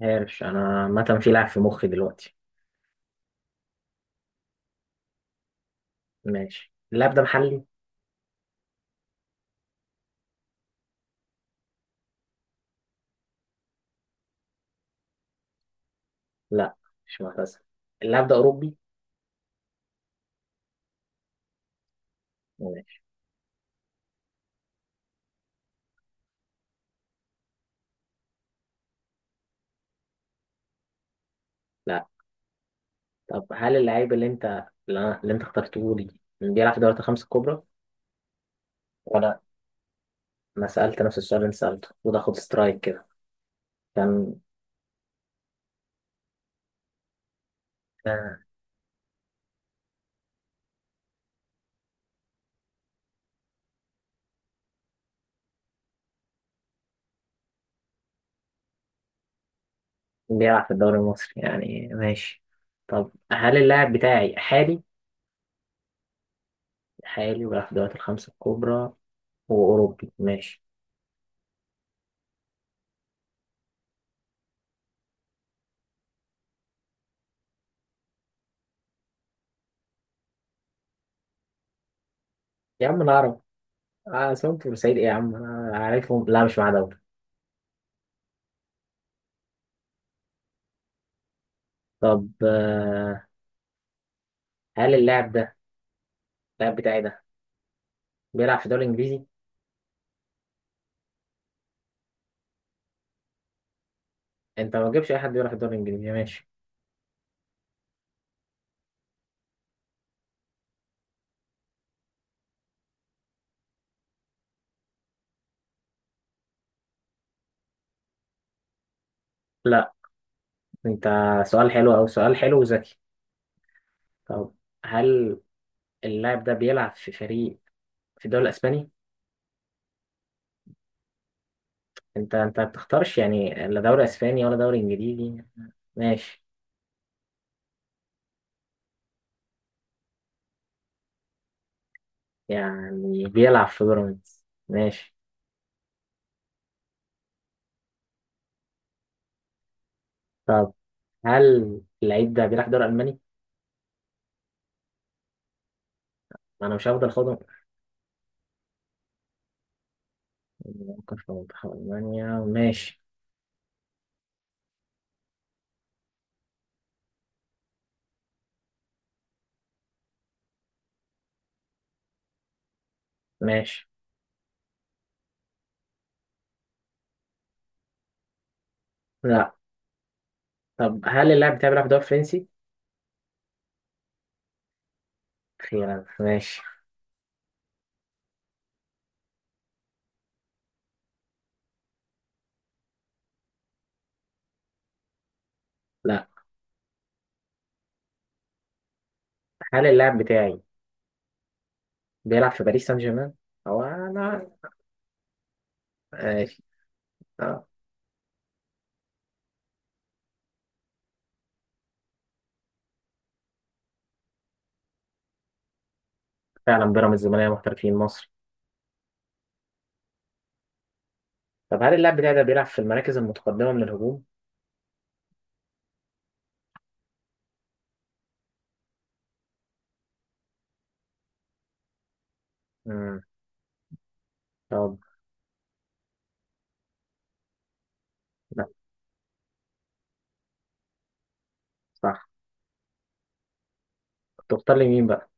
عارف، انا عامه في لاعب في مخي دلوقتي. ماشي، اللاعب ده محلي؟ لا، مش معتزل. اللاعب ده اوروبي ماشي. لا. طب هل اللاعب اللي انت اخترته لي بيلعب في دوري الخمسة الكبرى؟ ولا؟ انا سألت نفس السؤال اللي انت سألته وده خد سترايك كده كان. آه، بيلعب في الدوري المصري يعني ماشي. طب هل اللاعب بتاعي حالي؟ حالي وبيلعب في دوري الخمسة الكبرى وأوروبي ماشي. يا عم العرب، آه سمعت بورسعيد ايه يا عم، انا عارفهم. لا مش معاه دوري. طب هل اللاعب بتاعي ده بيلعب في الدوري الانجليزي؟ انت ما تجيبش اي حد بيلعب في الدوري الانجليزي ماشي. لا. انت سؤال حلو او سؤال حلو وذكي. طب هل اللاعب ده بيلعب في فريق في الدوري الاسباني؟ انت ما بتختارش يعني لا دوري اسباني ولا دوري انجليزي ماشي. يعني بيلعب في بيراميدز ماشي. طب هل اللعيب ده بيلعب في الدوري الالماني؟ ما انا مش هفضل خدهم. ممكن في منتخب المانيا ماشي ماشي. لا. طب هل اللاعب بتاعي بيلعب في الدوري الفرنسي؟ أخيرا ماشي. لا. هل اللاعب بتاعي بيلعب في باريس سان جيرمان؟ هو أنا ماشي. أه. فعلا بيراميدز زمالية محترفين مصر. طب هل اللاعب بتاعي ده بيلعب في المراكز المتقدمة من الهجوم؟ مم. طب. لا. صح تختار لي مين بقى؟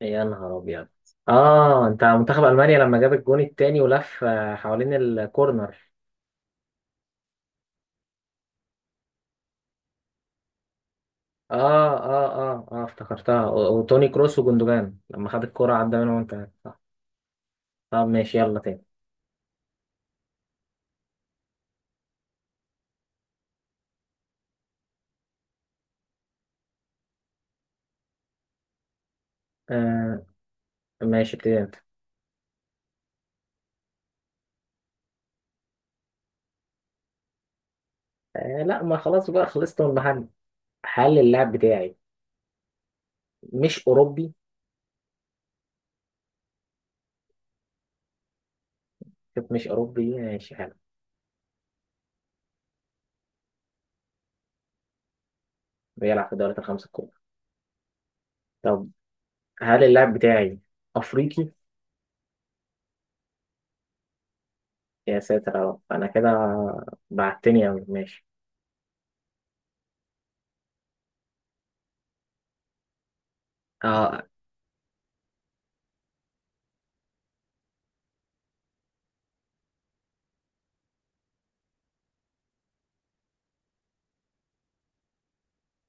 يا نهار أبيض آه أنت منتخب ألمانيا لما جاب الجون التاني ولف آه، حوالين الكورنر آه آه آه آه افتكرتها و- وتوني كروس وجندوجان لما خد الكرة عدى منهم وأنت صح طب ماشي يلا تاني آه ماشي ابتدي انت آه لا ما خلاص بقى خلصت من المحل حل اللاعب بتاعي مش اوروبي شوف مش اوروبي ماشي حلو بيلعب في الدوريات الخمسة الكبرى طب هل اللاعب بتاعي افريقي يا ساتر يا رب انا كده بعتني اوي ماشي اه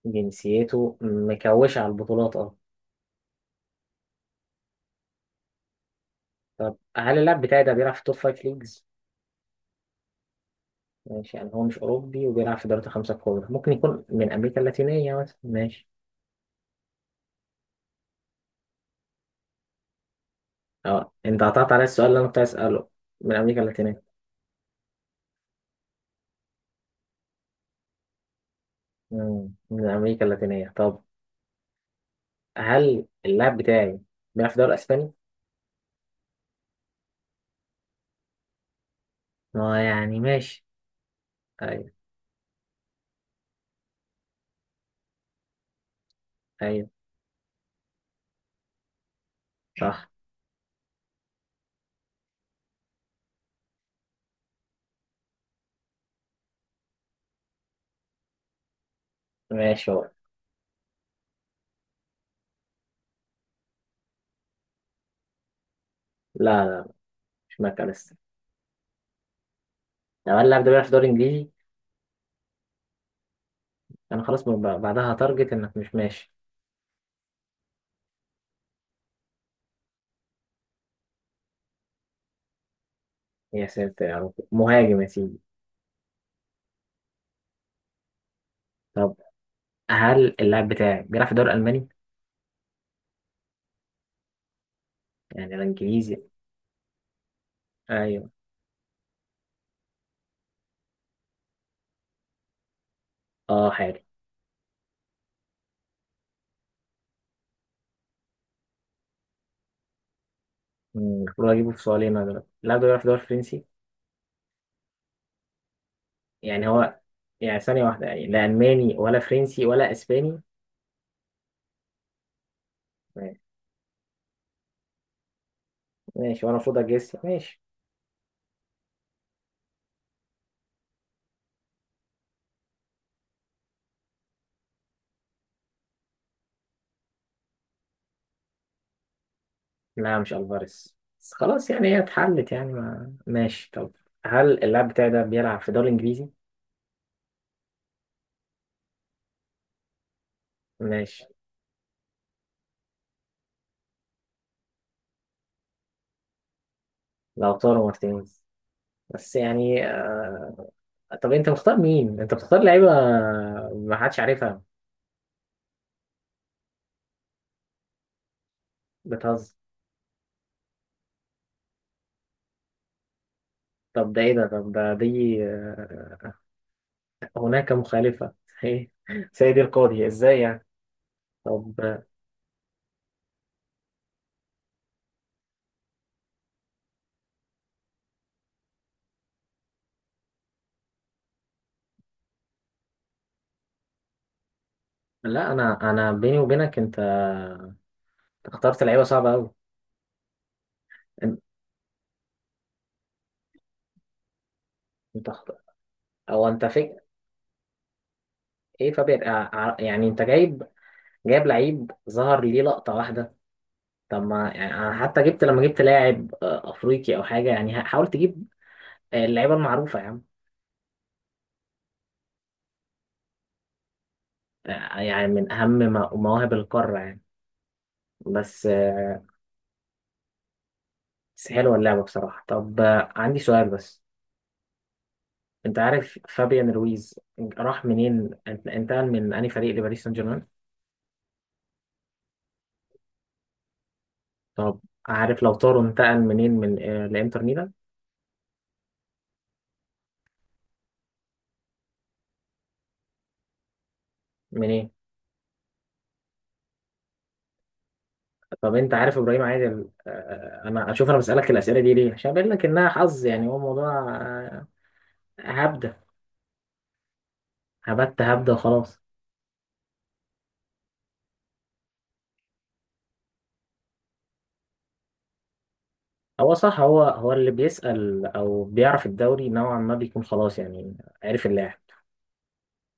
جنسيته مكوشة على البطولات اه طب هل اللاعب بتاعي ده بيلعب في توب فايف ليجز ماشي يعني هو مش اوروبي وبيلعب في الدوريات الخمسة الكبرى ممكن يكون من امريكا اللاتينية مثلا ماشي اه انت قطعت على السؤال اللي انا كنت عايز اساله من امريكا اللاتينية مم. من أمريكا اللاتينية طب هل اللاعب بتاعي بيلعب في الدوري الأسباني؟ ما يعني ماشي أيوه أيوه صح. ماشي، هو. لا لا، مش مكة لسه. لو هل اللاعب ده بيلعب في الدوري الإنجليزي؟ أنا خلاص بعدها هتارجت إنك مش ماشي. يا ساتر يا رب، مهاجم يا سيدي. طب هل اللاعب بتاعي بيلعب في الدوري الألماني؟ يعني أنا إنجليزي. أيوه. أه حالي. المفروض أجيبه في سؤالين أنا دلوقتي، اللاعب ده بيلعب في الدوري الفرنسي. يعني هو، يعني ثانية واحدة، يعني لا ألماني ولا فرنسي ولا إسباني. ماشي، وانا المفروض اجس ماشي. لا مش الفاريز، بس خلاص يعني هي اتحلت يعني ما... ماشي طب هل اللاعب بتاعي ده بيلعب في الدوري الانجليزي؟ ماشي. لوتارو مارتينيز. بس يعني. طب انت مختار مين، انت بتختار لعيبه ما حدش عارفها؟ بتهزر. طب ده ايه ده، طب ده دي هناك مخالفه ايه. سيدي القاضي ازاي يعني. طب لا، انا بيني وبينك انت اخترت لعيبه صعبه قوي. انت اخترت او انت فك. ايه فابير يعني انت جايب لعيب ظهر ليه لقطة واحدة. طب ما يعني أنا حتى جبت لما جبت لاعب افريقي او حاجة، يعني حاول تجيب اللعيبة المعروفة يا عم. يعني من اهم مواهب القارة يعني. بس بس حلوة اللعبة بصراحة. طب عندي سؤال بس. انت عارف فابيان رويز راح منين، انتقل من انهي فريق لباريس سان جيرمان؟ طب عارف لو طارو انتقل منين، من لانتر ميلان؟ منين؟ طب انت عارف ابراهيم عادل. انا اشوف، انا بسالك الاسئله دي ليه عشان بقول لك انها حظ، يعني هو موضوع. هبده. هبده وخلاص. هو صح، هو اللي بيسال او بيعرف الدوري نوعا ما بيكون خلاص يعني. عارف اللاعب